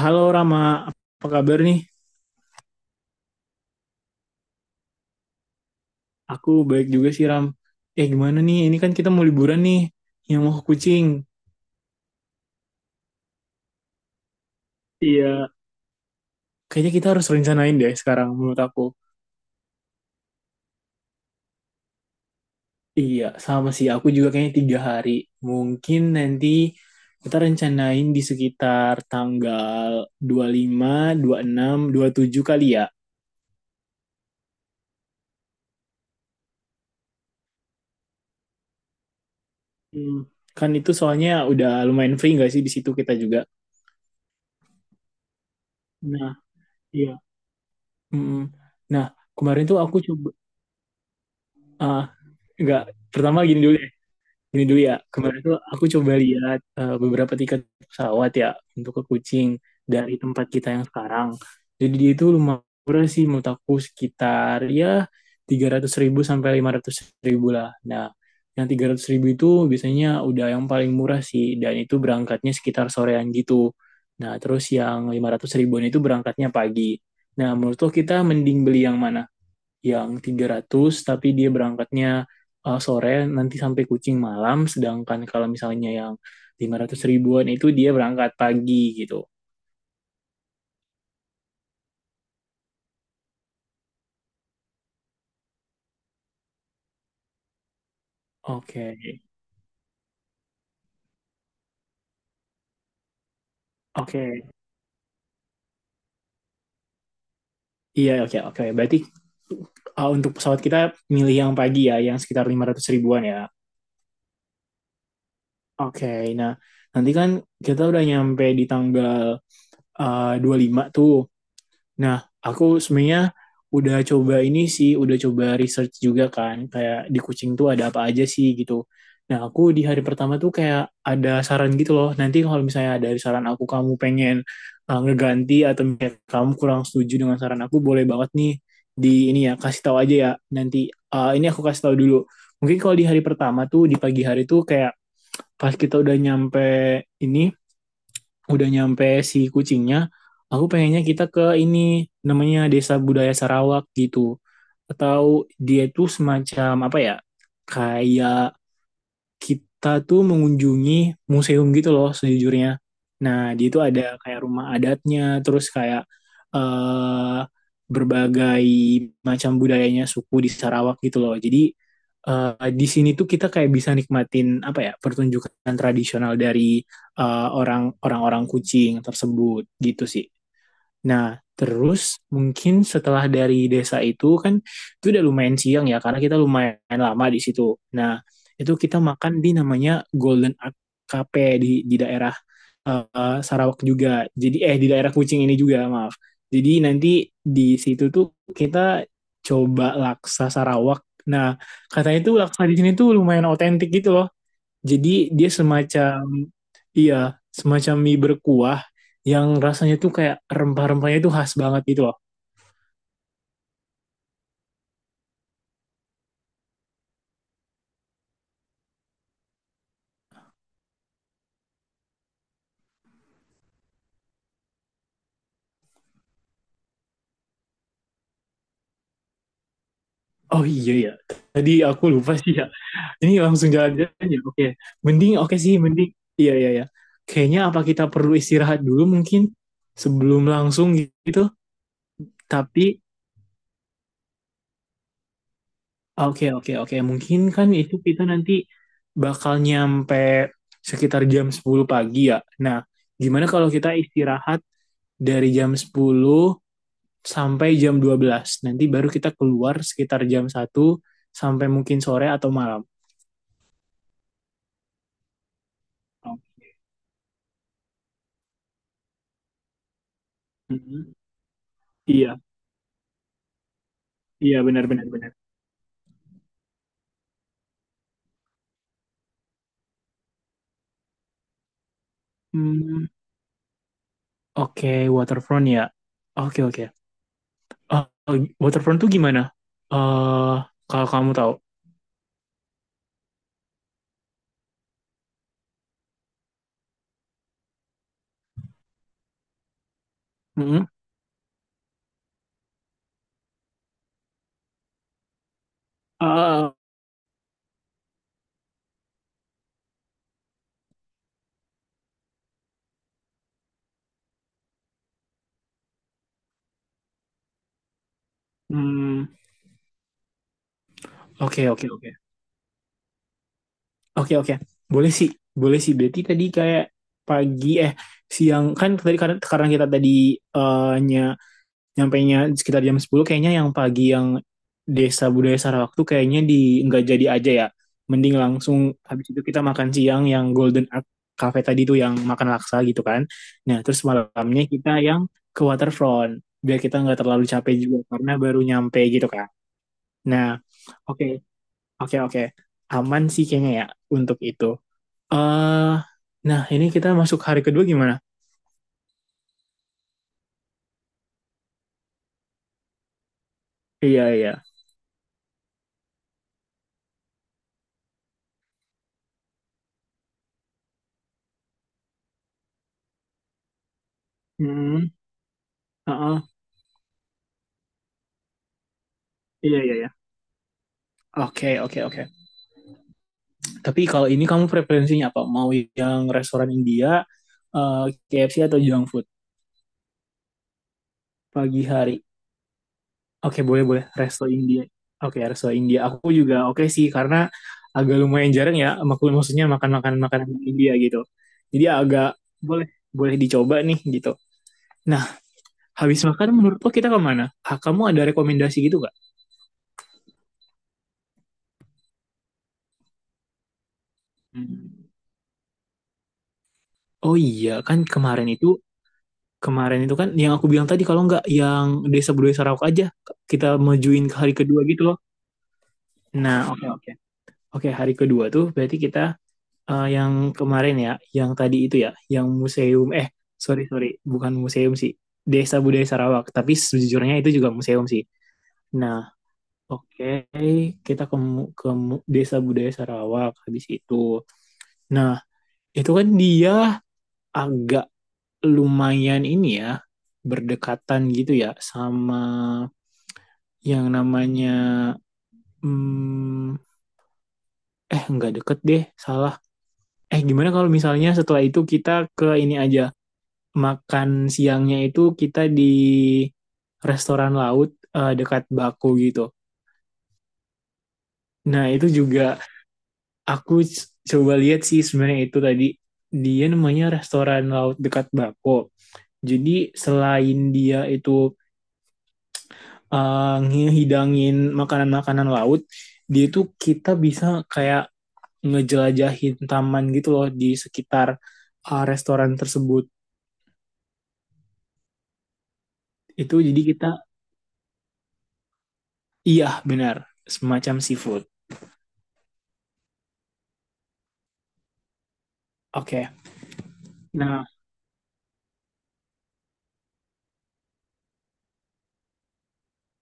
Halo Rama, apa kabar nih? Aku baik juga sih Ram. Eh, gimana nih? Ini kan kita mau liburan nih, yang mau ke Kucing. Iya. Kayaknya kita harus rencanain deh sekarang menurut aku. Iya, sama sih. Aku juga kayaknya 3 hari. Mungkin nanti kita rencanain di sekitar tanggal dua dua puluh puluh lima, 26, 27 kali ya. Hmm. Kan itu soalnya udah lumayan free nggak sih di situ kita juga? Nah, iya. Mm-mm. Nah, kemarin tuh aku coba, ah, nggak, pertama gini dulu ya. Ini dulu ya, kemarin tuh aku coba lihat beberapa tiket pesawat ya untuk ke Kucing dari tempat kita yang sekarang. Jadi dia itu lumayan murah sih menurut aku sekitar ya 300 ribu sampai 500 ribu lah. Nah, yang 300 ribu itu biasanya udah yang paling murah sih dan itu berangkatnya sekitar sorean gitu. Nah, terus yang 500 ribuan itu berangkatnya pagi. Nah, menurut lo kita mending beli yang mana? Yang 300 tapi dia berangkatnya sore nanti sampai Kucing malam, sedangkan kalau misalnya yang 500 ribuan itu dia berangkat pagi gitu. Oke. Oke. Iya, oke, oke. Berarti untuk pesawat kita milih yang pagi ya, yang sekitar 500 ribuan ya. Oke. Nah, nanti kan kita udah nyampe di tanggal 25 tuh. Nah, aku sebenarnya udah coba ini sih, udah coba research juga kan, kayak di kucing tuh ada apa aja sih gitu. Nah, aku di hari pertama tuh kayak ada saran gitu loh. Nanti kalau misalnya ada saran aku kamu pengen ngeganti atau misalnya kamu kurang setuju dengan saran aku, boleh banget nih di ini ya kasih tahu aja ya. Nanti ini aku kasih tahu dulu. Mungkin kalau di hari pertama tuh di pagi hari tuh kayak pas kita udah nyampe ini, udah nyampe si kucingnya, aku pengennya kita ke ini, namanya Desa Budaya Sarawak gitu. Atau dia itu semacam apa ya? Kayak kita tuh mengunjungi museum gitu loh sejujurnya. Nah, di itu ada kayak rumah adatnya, terus kayak eh berbagai macam budayanya suku di Sarawak gitu loh. Jadi di sini tuh kita kayak bisa nikmatin apa ya pertunjukan tradisional dari orang-orang Kucing tersebut gitu sih. Nah, terus mungkin setelah dari desa itu kan itu udah lumayan siang ya karena kita lumayan lama di situ. Nah, itu kita makan di, namanya Golden Ark Cafe di daerah Sarawak juga. Jadi di daerah Kucing ini juga, maaf. Jadi nanti di situ tuh kita coba laksa Sarawak. Nah, katanya tuh laksa di sini tuh lumayan otentik gitu loh. Jadi dia semacam, iya, semacam mie berkuah yang rasanya tuh kayak rempah-rempahnya tuh khas banget gitu loh. Oh iya ya. Tadi aku lupa sih ya. Ini langsung jalan-jalan ya. Oke. Mending, oke sih, mending. Iya, iya ya. Kayaknya apa kita perlu istirahat dulu mungkin sebelum langsung gitu. Tapi oke, oke, oke, mungkin kan itu kita nanti bakal nyampe sekitar jam 10 pagi ya. Nah, gimana kalau kita istirahat dari jam 10 sampai jam 12? Nanti baru kita keluar sekitar jam 1 sampai mungkin sore atau malam. Oh. Mhm. Iya, iya, benar-benar benar, benar, benar. Hmm, oke, waterfront ya. Oke, oke. Oh, oh, waterfront tuh gimana? Eh, kalau kamu tahu. Mhm. Ah, hmm, Oke, oke, oke. Oke, oke. Boleh sih. Boleh sih. Berarti tadi kayak pagi, eh, siang kan tadi, karena kita tadi eh, nyampainya sekitar jam 10, kayaknya yang pagi yang desa budaya Sarawak tuh kayaknya di, nggak jadi aja ya. Mending langsung habis itu kita makan siang yang Golden Art Cafe tadi tuh yang makan laksa gitu kan. Nah, terus malamnya kita yang ke waterfront biar kita nggak terlalu capek juga karena baru nyampe gitu kan. Nah, oke, oke, oke. Aman sih kayaknya ya untuk itu. Eh, nah ini kita masuk hari kedua gimana? Iya, iya. Hmm, uh-uh. Iya, iya, iya. Oke, oke, oke. Tapi kalau ini kamu preferensinya apa? Mau yang restoran India, eh, KFC atau junk food pagi hari? Oke, boleh, boleh resto India. Oke, resto India. Aku juga oke sih karena agak lumayan jarang ya, maklum, maksudnya makan-makan makanan India gitu. Jadi agak, boleh, boleh dicoba nih gitu. Nah, habis makan menurut lo kita kemana? Ah, kamu ada rekomendasi gitu gak? Hmm. Oh iya, kan kemarin itu, kan yang aku bilang tadi kalau nggak yang desa budaya Sarawak aja kita majuin ke hari kedua gitu loh. Nah, oke, oke. Oke, hari kedua tuh berarti kita yang kemarin ya, yang tadi itu ya, yang museum, sorry, sorry, bukan museum sih. Desa Budaya Sarawak, tapi sejujurnya itu juga museum sih. Nah, oke, kita ke Desa Budaya Sarawak habis itu. Nah, itu kan dia agak lumayan ini ya, berdekatan gitu ya sama yang namanya, hmm, nggak deket deh, salah. Gimana kalau misalnya setelah itu kita ke ini aja, makan siangnya itu kita di restoran laut dekat Baku gitu. Nah itu juga aku coba lihat sih sebenarnya itu tadi, dia namanya restoran laut dekat Baku. Jadi selain dia itu ngehidangin makanan-makanan laut, dia itu kita bisa kayak ngejelajahin taman gitu loh di sekitar restoran tersebut. Itu jadi kita, iya, benar. Semacam seafood. Oke. Nah,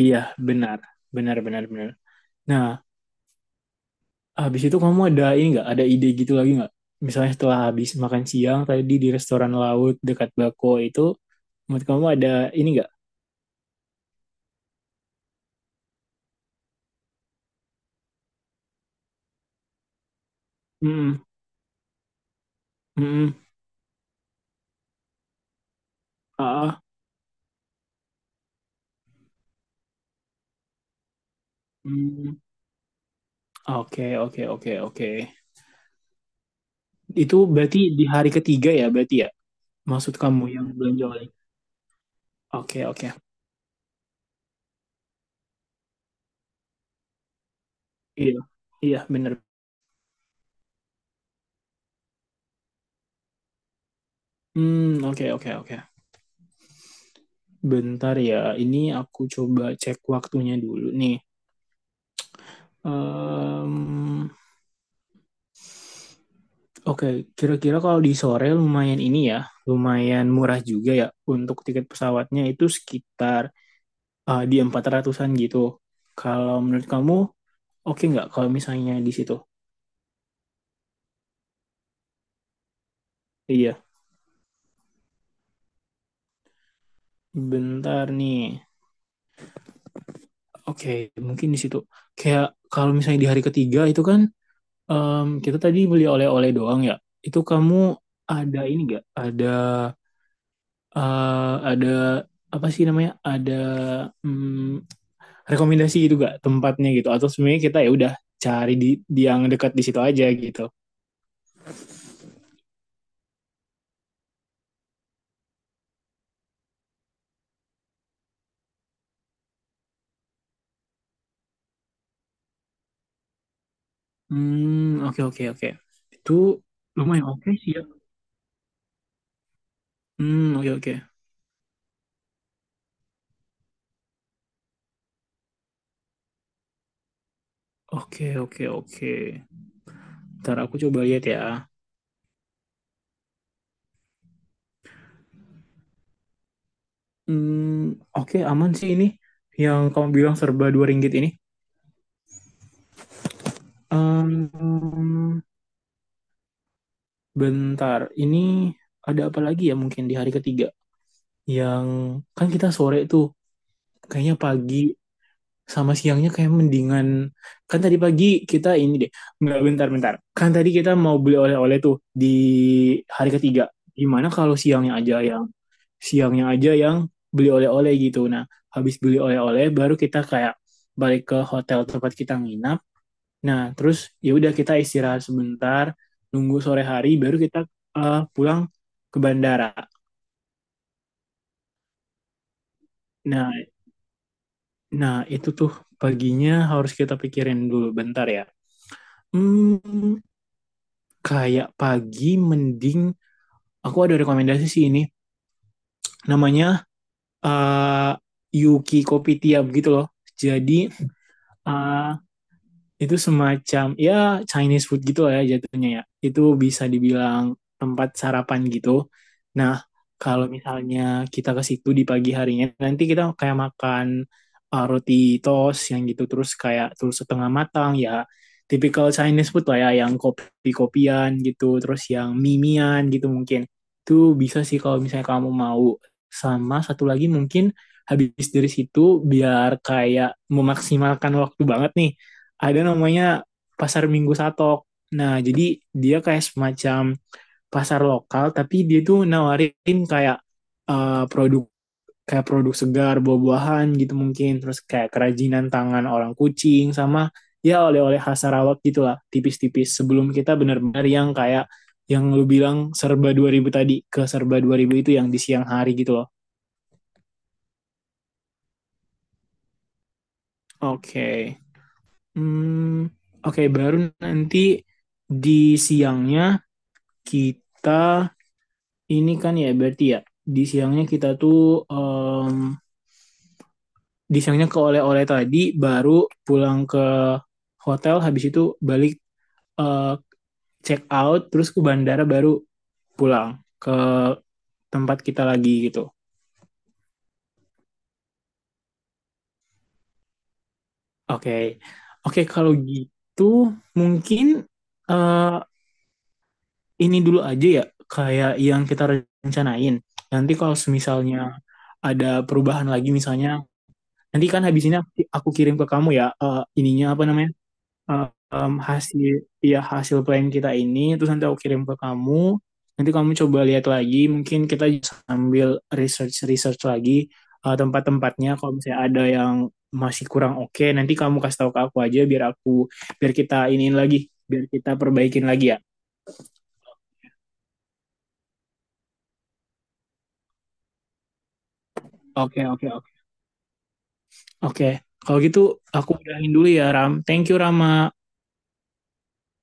iya, benar. Benar, benar, benar. Nah, habis itu kamu ada ini nggak? Ada ide gitu lagi nggak? Misalnya setelah habis makan siang tadi di restoran laut dekat Bako itu, menurut kamu ada ini nggak? Hmm, hmm, ah, hmm. Oke, oke, oke, oke. Itu berarti di hari ketiga ya, berarti ya? Maksud kamu yang belanja online? Oke, oke. Iya, iya, benar. Hmm, oke, oke, oke. Bentar ya, ini aku coba cek waktunya dulu nih. Em, Oke, okay. Kira-kira kalau di sore lumayan ini ya, lumayan murah juga ya untuk tiket pesawatnya itu sekitar di 400-an gitu. Kalau menurut kamu, oke okay nggak kalau misalnya di situ? Iya, bentar nih. Oke, okay, mungkin di situ. Kayak kalau misalnya di hari ketiga itu kan kita tadi beli oleh-oleh doang ya. Itu kamu ada ini nggak? Eh, ada apa sih namanya? Ada, mm, rekomendasi gitu gak tempatnya gitu? Atau sebenarnya kita ya udah cari di yang dekat di situ aja gitu. Hmm, oke, oke, oke. Itu lumayan oke sih ya. Hmm, oke, oke. Oke, oke, oke. Ntar aku coba lihat ya. Hmm, oke, aman sih ini yang kamu bilang serba 2 ringgit ini. Em, bentar, ini ada apa lagi ya mungkin di hari ketiga? Yang kan kita sore tuh kayaknya pagi sama siangnya kayak mendingan, kan tadi pagi kita ini deh, nggak, bentar, bentar, kan tadi kita mau beli oleh-oleh tuh di hari ketiga, gimana kalau siangnya aja yang, siangnya aja yang beli oleh-oleh gitu, nah habis beli oleh-oleh baru kita kayak balik ke hotel tempat kita nginap. Nah terus ya udah kita istirahat sebentar nunggu sore hari, baru kita pulang ke bandara. Nah, nah itu tuh paginya harus kita pikirin dulu bentar ya. Hmm, kayak pagi mending, aku ada rekomendasi sih ini. Namanya eh, Yuki Kopitiam gitu loh. Jadi eh, itu semacam ya Chinese food gitu lah ya jatuhnya ya. Itu bisa dibilang tempat sarapan gitu. Nah, kalau misalnya kita ke situ di pagi harinya, nanti kita kayak makan roti toast yang gitu terus kayak, terus setengah matang ya. Typical Chinese food lah ya, yang kopi-kopian gitu, terus yang mimian gitu mungkin. Itu bisa sih kalau misalnya kamu mau. Sama satu lagi mungkin habis dari situ, biar kayak memaksimalkan waktu banget nih, ada namanya pasar Minggu Satok. Nah, jadi dia kayak semacam pasar lokal, tapi dia tuh nawarin kayak produk, kayak produk segar, buah-buahan gitu mungkin, terus kayak kerajinan tangan orang kucing sama ya oleh-oleh khas Sarawak gitu lah, tipis-tipis sebelum kita benar-benar yang kayak yang lu bilang serba 2000 tadi, ke serba 2000 itu yang di siang hari gitu loh. Oke. Okay. Hmm, oke, okay, baru nanti di siangnya kita, ini kan ya berarti ya, di siangnya kita tuh em, di siangnya ke oleh-oleh tadi, baru pulang ke hotel, habis itu balik, eh, check out terus ke bandara, baru pulang ke tempat kita lagi gitu. Oke. Oke kalau gitu mungkin eh, ini dulu aja ya kayak yang kita rencanain. Nanti kalau semisalnya ada perubahan lagi misalnya, nanti kan habis ini aku kirim ke kamu ya, ininya apa namanya, hasil, ya hasil plan kita ini, terus nanti aku kirim ke kamu, nanti kamu coba lihat lagi, mungkin kita sambil research research lagi tempat-tempatnya, kalau misalnya ada yang masih kurang oke nanti kamu kasih tahu ke aku aja biar aku, biar kita iniin lagi, biar kita perbaikin lagi ya. Oke, oke, oke. Oke kalau gitu aku udahin dulu ya Ram, thank you Rama.